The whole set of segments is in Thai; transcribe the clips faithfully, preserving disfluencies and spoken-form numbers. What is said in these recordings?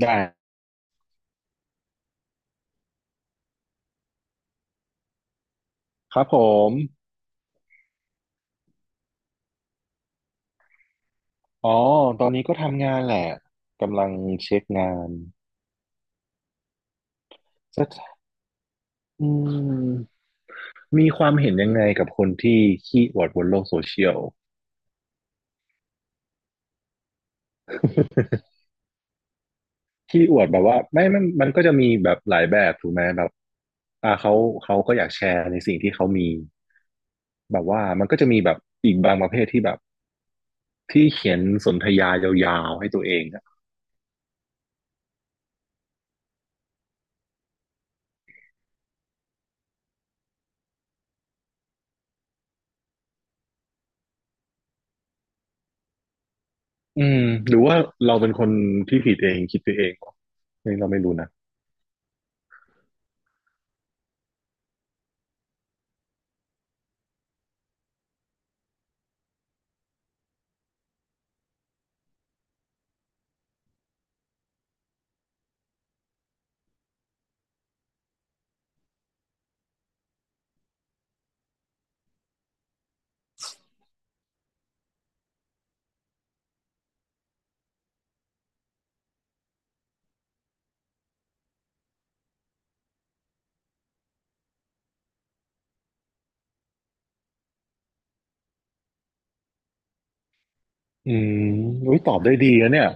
ได้ครับผมอ๋อตอนนี้ก็ทำงานแหละกำลังเช็คงานจะอืมมีความเห็นยังไงกับคนที่ขี้อวดบนโลกโซเชียลขี้อวดแบบว่าไม่ไม่มันก็จะมีแบบหลายแบบถูกไหมแบบอ่าเขาเขาก็อยากแชร์ในสิ่งที่เขามีแบบว่ามันก็จะมีแบบอีกบางประเภทที่แบบที่เขียนสนทยายาวๆให้ตัวเองอะอืมหรือว่าเราเป็นคนที่ผิดเองคิดไปเองวะนี่เราไม่รู้นะอืมอุ้ยตอบได้ดีนะเนี่ย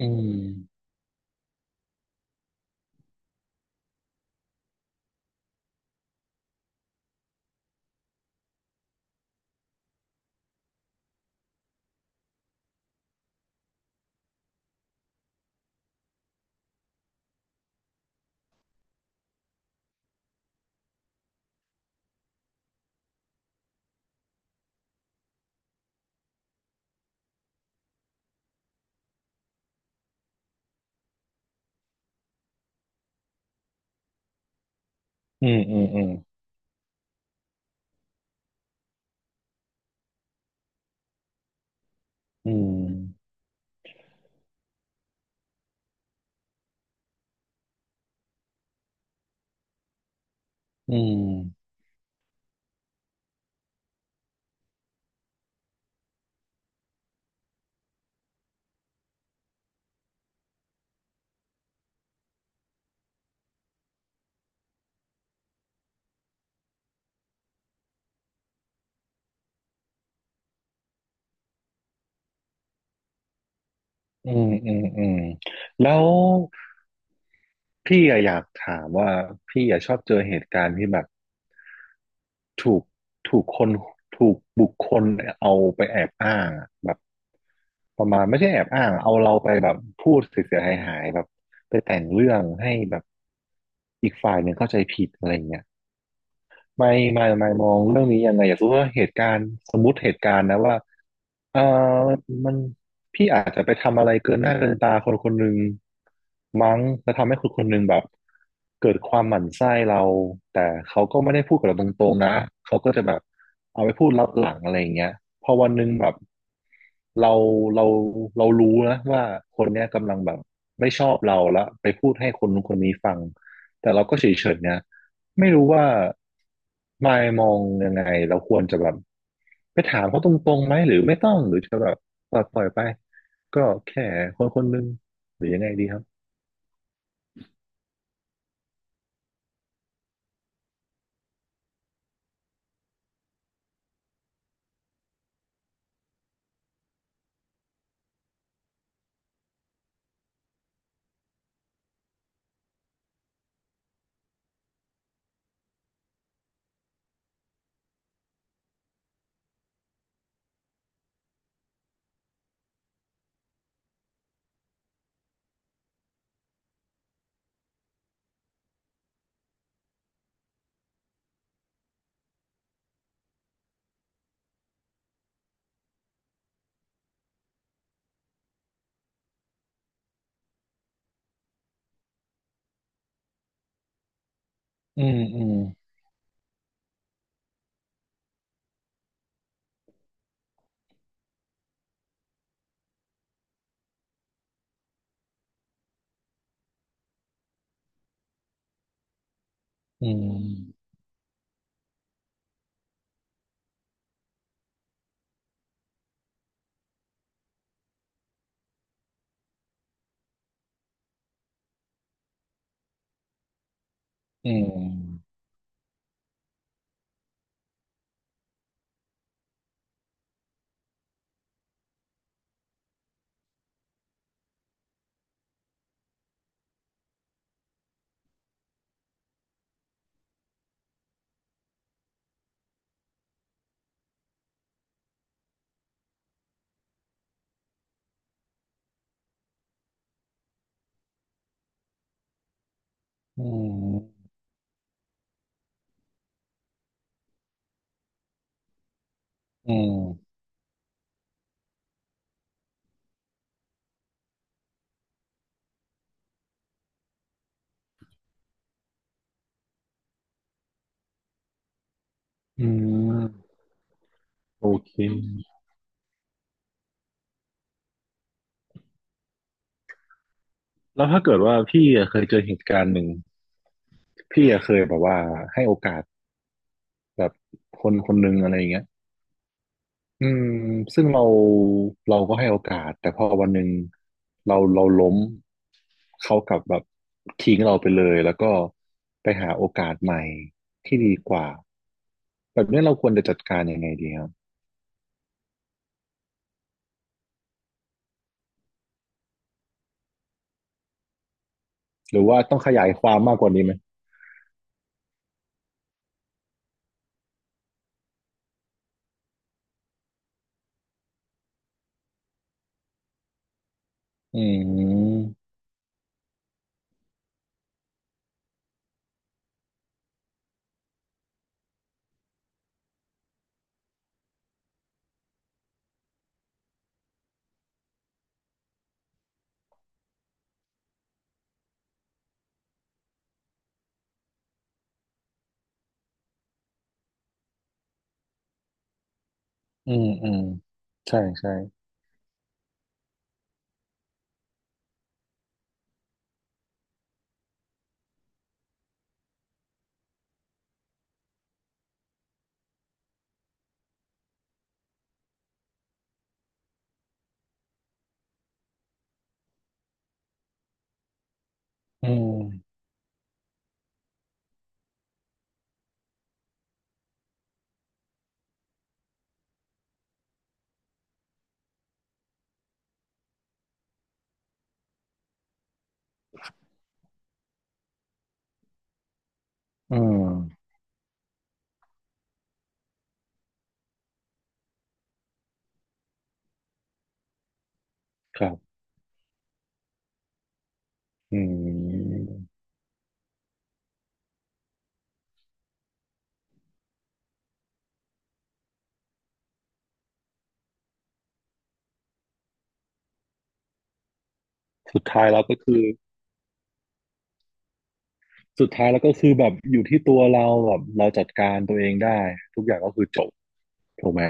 อืมอืมอืมอืมอืมอืมอืมอืมอืม แล้วพี่อะอยากถามว่าพี่อะชอบเจอเหตุการณ์ที่แบบถูกถูกคนถูกบุคคลเอาไปแอบอ้างอะแบบประมาณไม่ใช่แอบอ้างเอาเราไปแบบพูดเสียหายหายๆแบบไปแต่งเรื่องให้แบบอีกฝ่ายหนึ่งเข้าใจผิดอะไรเงี้ย ไม่ไม่ไม่มองเรื่องนี้ยังไงอยากรู้ว่าเหตุการณ์สมมุติเหตุการณ์นะว่าเออมันพี่อาจจะไปทำอะไรเกินหน้าเกินตาคนคนหนึ่งมั้งแล้วทำให้คนคนหนึ่งแบบเกิดความหมั่นไส้เราแต่เขาก็ไม่ได้พูดกับเราตรงๆนะเขาก็จะแบบเอาไปพูดลับหลังอะไรอย่างเงี้ยพอวันหนึ่งแบบเราเราเรารู้นะว่าคนเนี้ยกำลังแบบไม่ชอบเราแล้วไปพูดให้คนนู้นคนนี้ฟังแต่เราก็เฉยๆนะ ไม่รู้ว่ามายมองยังไงเราควรจะแบบไปถามเขาตรงๆไหมหรือไม่ต้องหรือจะแบบปล่อยปล่อยไปก็แค่คนคนหนึงหรือยังไงดีครับอืมอืมอืมอืมอืมอืมอืมโอเคแล้วถ้าเกิดว่าพี่อะเคยเจอเหตุการณ์หนึ่งพี่อะเคยแบบว่าให้โอกาสแบบคนคนหนึ่งอะไรอย่างเงี้ย อืมซึ่งเราเราก็ให้โอกาสแต่พอวันหนึ่งเราเราล้มเขากลับแบบทิ้งเราไปเลยแล้วก็ไปหาโอกาสใหม่ที่ดีกว่าแบบนี้เราควรจะจัดการยังไงดีครับหรือว่าต้องขยายความมากกว่านี้ไหมอืมอืมอืมใช่ใช่อืมอืมครับอืมสุดท้ายแล้วก็คือสุดท้ายแล้วก็คือแบบอยู่ที่ตัวเราแบบเราจัดการตัวเองได้ทุกอย่างก็คือจบถูกไหม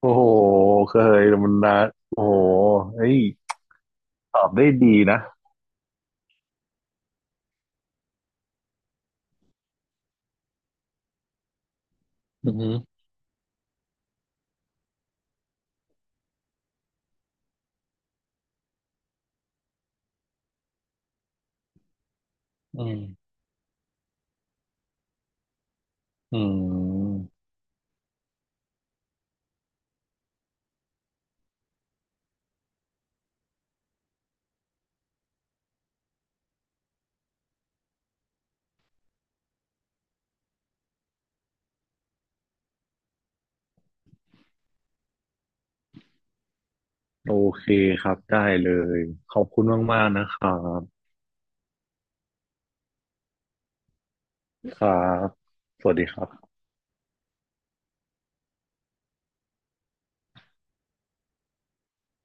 โอ้โห เคยแต่มันนะโอ้โหเฮ้ยตอบได้ดีนะอือหืออืมอืมโอเคครับ ได้เลย ขอบคุณมากๆนะครับครับสวัสดีครับ